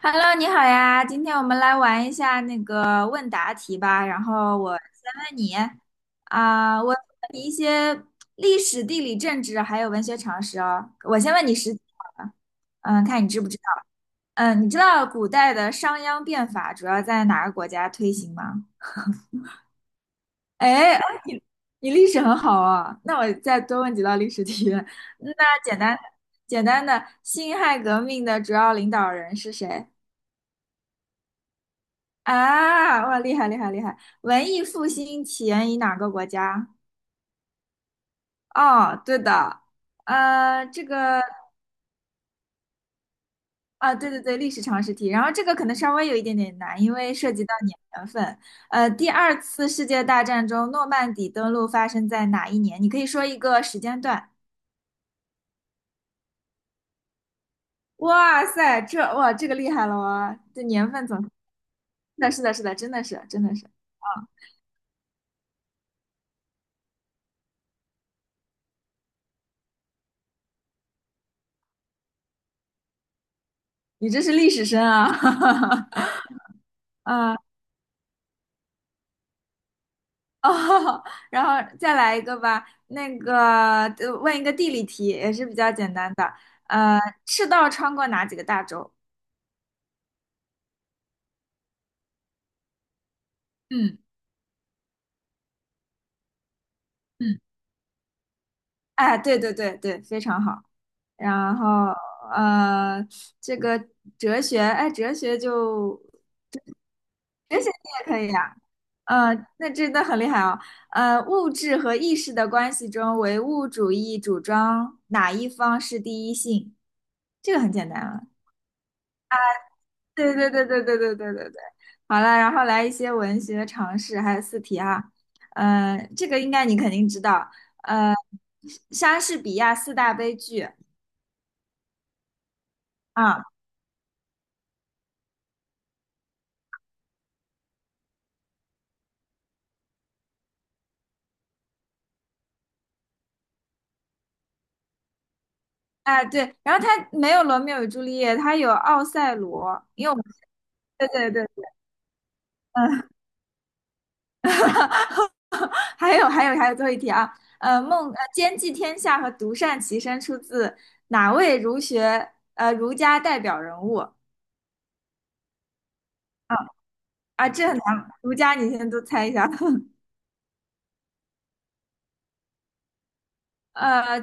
Hello，你好呀，今天我们来玩一下那个问答题吧。然后我先问你，我问你一些历史、地理、政治还有文学常识哦。我先问你实际好了，看你知不知道。你知道古代的商鞅变法主要在哪个国家推行吗？哎，哎，你你历史很好哦，那我再多问几道历史题。那简单的，辛亥革命的主要领导人是谁？啊，哇，厉害厉害厉害！文艺复兴起源于哪个国家？哦，对的。呃，这个啊，对对对，历史常识题。然后这个可能稍微有一点点难，因为涉及到年份。第二次世界大战中，诺曼底登陆发生在哪一年？你可以说一个时间段。哇塞，这个厉害了哇！这年份总是的，是的，是的，真的是真的是，你这是历史生啊！啊哦，然后再来一个吧。那个，问一个地理题，也是比较简单的。呃，赤道穿过哪几个大洲？嗯嗯，哎，对对对对，非常好。然后，呃，这个哲学，哎，哲学就哲学你也可以啊。那真的很厉害哦。物质和意识的关系中，唯物主义主张哪一方是第一性？这个很简单啊。对对对对对对对对对，好了，然后来一些文学常识，还有四题啊。这个应该你肯定知道，呃，莎士比亚四大悲剧。啊，哎对，然后他没有罗密欧与朱丽叶，他有奥赛罗，因为我们对对对。嗯，还有还有还有最后一题啊，兼济天下和独善其身出自哪位儒家代表人物啊？啊这很难，儒家你先都猜一下。呃，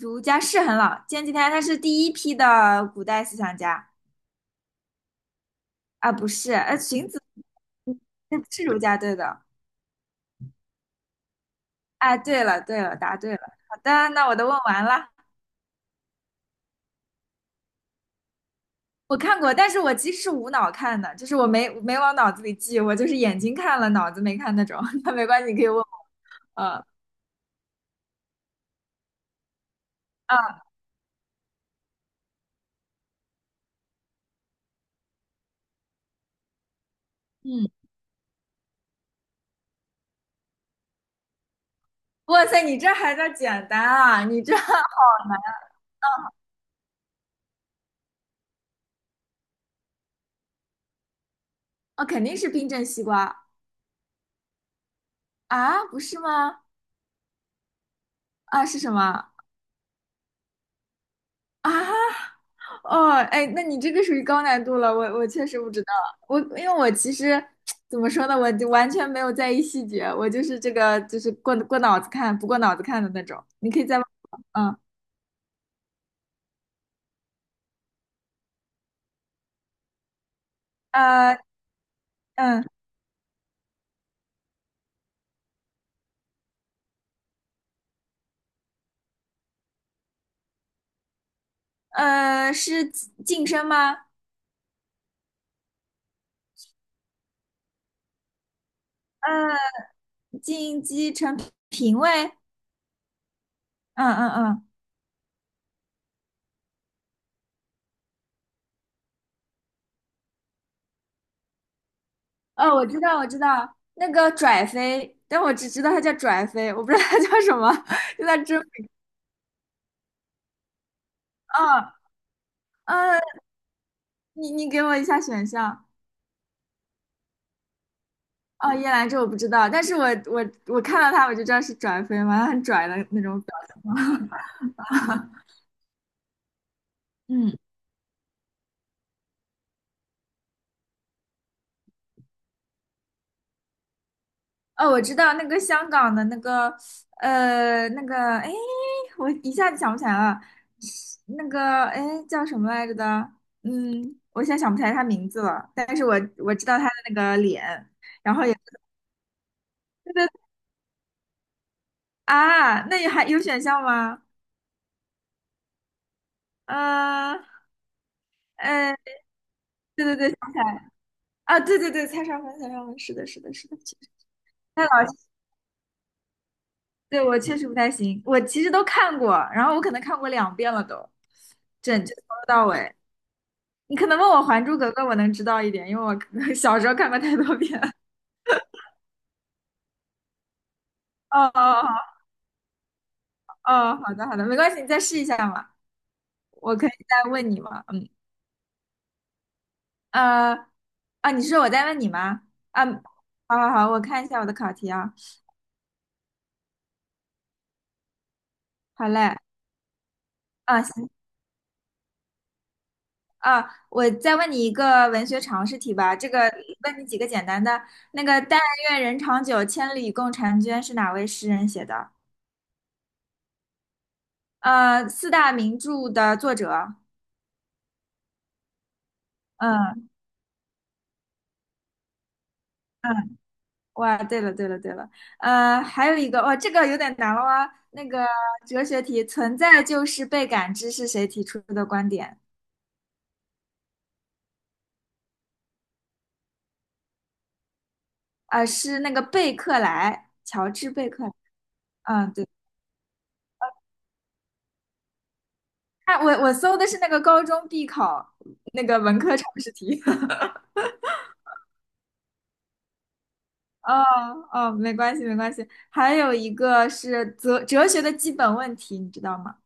儒家是很老，前几天他是第一批的古代思想家。啊，不是，荀子那不是儒家对的。哎，对了对了，答对了。好的，那我都问完了。我看过，但是我其实是无脑看的，就是我没往脑子里记，我就是眼睛看了，脑子没看那种。那没关系，你可以问我。呃啊嗯，哇塞，你这还叫简单啊？你这 哦，肯定是冰镇西瓜。啊？不是吗？啊，是什么啊？哦，哎，那你这个属于高难度了，我确实不知道，我因为我其实 怎么说呢，我就完全没有在意细节，我就是这个就是过过脑子看，不过脑子看的那种。你可以再问我。嗯，呃，嗯，是晋升吗？嗯，晋级成评委？嗯嗯嗯，哦，我知道我知道，那个拽飞，但我只知道它叫拽飞，我不知道它叫什么，就在真，嗯嗯。你你给我一下选项。哦，叶兰这我不知道，但是我看到他我就知道是拽飞嘛，他很拽的那种表情。嗯，哦，我知道那个香港的那个，呃那个，哎，我一下子想不起来了，那个哎叫什么来着的？嗯，我现在想不起来他名字了，但是我我知道他的那个脸。对对。啊，那你还有选项吗？嗯、呃，对对对，想起来。啊，对对对，蔡少芬，蔡少芬，是的，是的，是的，确实他老对，我确实不太行，我其实都看过，然后我可能看过两遍了都，整就从头到尾。你可能问我《还珠格格》，我能知道一点，因为我可能 小时候看过太多遍了。哦哦哦，哦，好的好的，没关系，你再试一下嘛，我可以再问你嘛。嗯，呃，啊，你是说我在问你吗？啊，好好好，我看一下我的考题啊。好嘞，啊，行。啊，我再问你一个文学常识题吧，问你几个简单的。那个"但愿人长久，千里共婵娟"是哪位诗人写的？四大名著的作者。嗯嗯，哇，对了对了对了。还有一个，哇，这个有点难了啊。那个哲学题，存在就是被感知是谁提出的观点？啊，是那个贝克莱，乔治贝克莱。嗯，对，啊，我我搜的是那个高中必考那个文科常识题。哦哦，没关系没关系。还有一个是哲学的基本问题，你知道吗？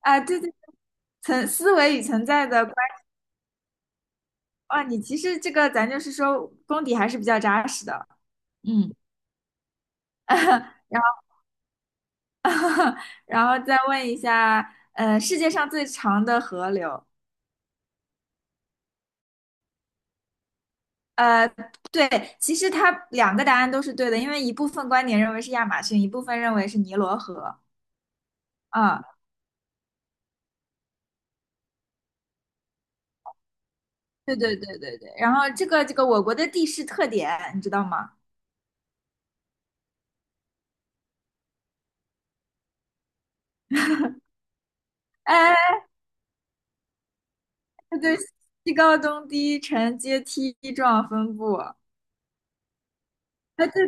啊，对对，思维与存在的关。啊，你其实这个咱就是说功底还是比较扎实的。嗯，然后然后再问一下，世界上最长的河流。呃，对，其实它两个答案都是对的，因为一部分观点认为是亚马逊，一部分认为是尼罗河。啊，对对对对对。然后这个我国的地势特点，你知道吗？呃它对西高东低沉阶梯状分布。哎，对，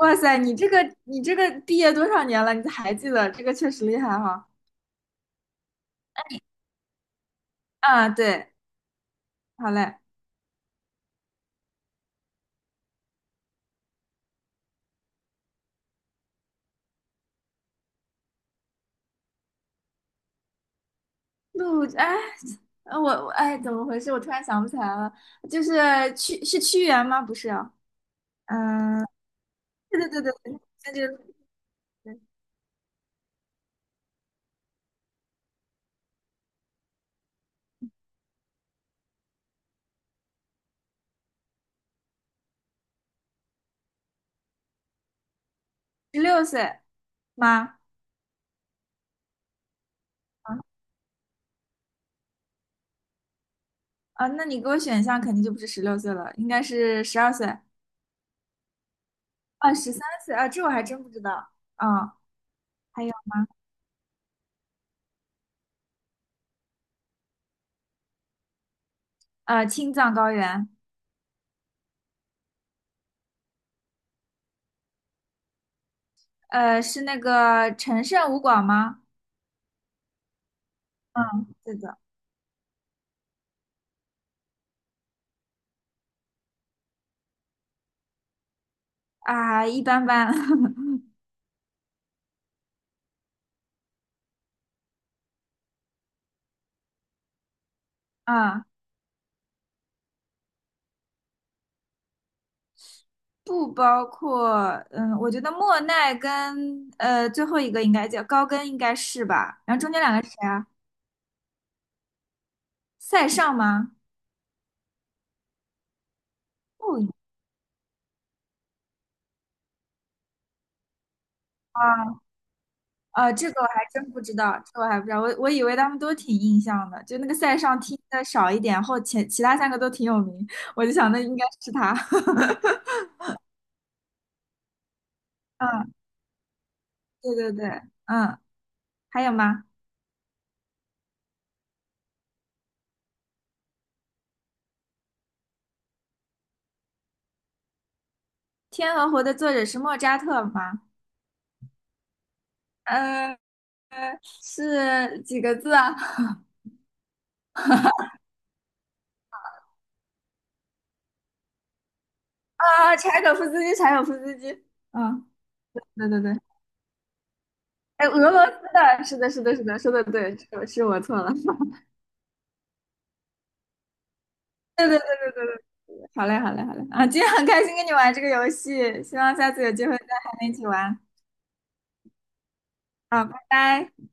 哇塞，你这个毕业多少年了？你还记得这个确实厉害哈。啊，对，好嘞。陆哎，呃我我哎，怎么回事？我突然想不起来了，就是屈原吗？不是啊，嗯、对对对对，那就十六岁吗？啊，那你给我选项肯定就不是十六岁了，应该是十二岁。啊，十三岁啊，这我还真不知道。啊，还有。青藏高原。是那个陈胜吴广吗？嗯，是的。啊，一般般。啊，不包括，嗯，我觉得莫奈跟最后一个应该叫高跟，应该是吧？然后中间两个是谁啊？塞尚吗？不一样。啊这个我还真不知道，这个我还不知道，我我以为他们都挺印象的，就那个塞尚听的少一点，后前其他三个都挺有名，我就想那应该是他。嗯，对对对，嗯，还有吗？《天鹅湖》的作者是莫扎特吗？嗯，是几个字啊？啊，柴可夫斯基，柴可夫斯基。嗯，对对对。哎，俄罗斯的，是的，是的，是的，说的对，是是我错了。对对对对对对。好嘞，好嘞，好嘞。啊，今天很开心跟你玩这个游戏，希望下次有机会再和你一起玩。好，拜拜。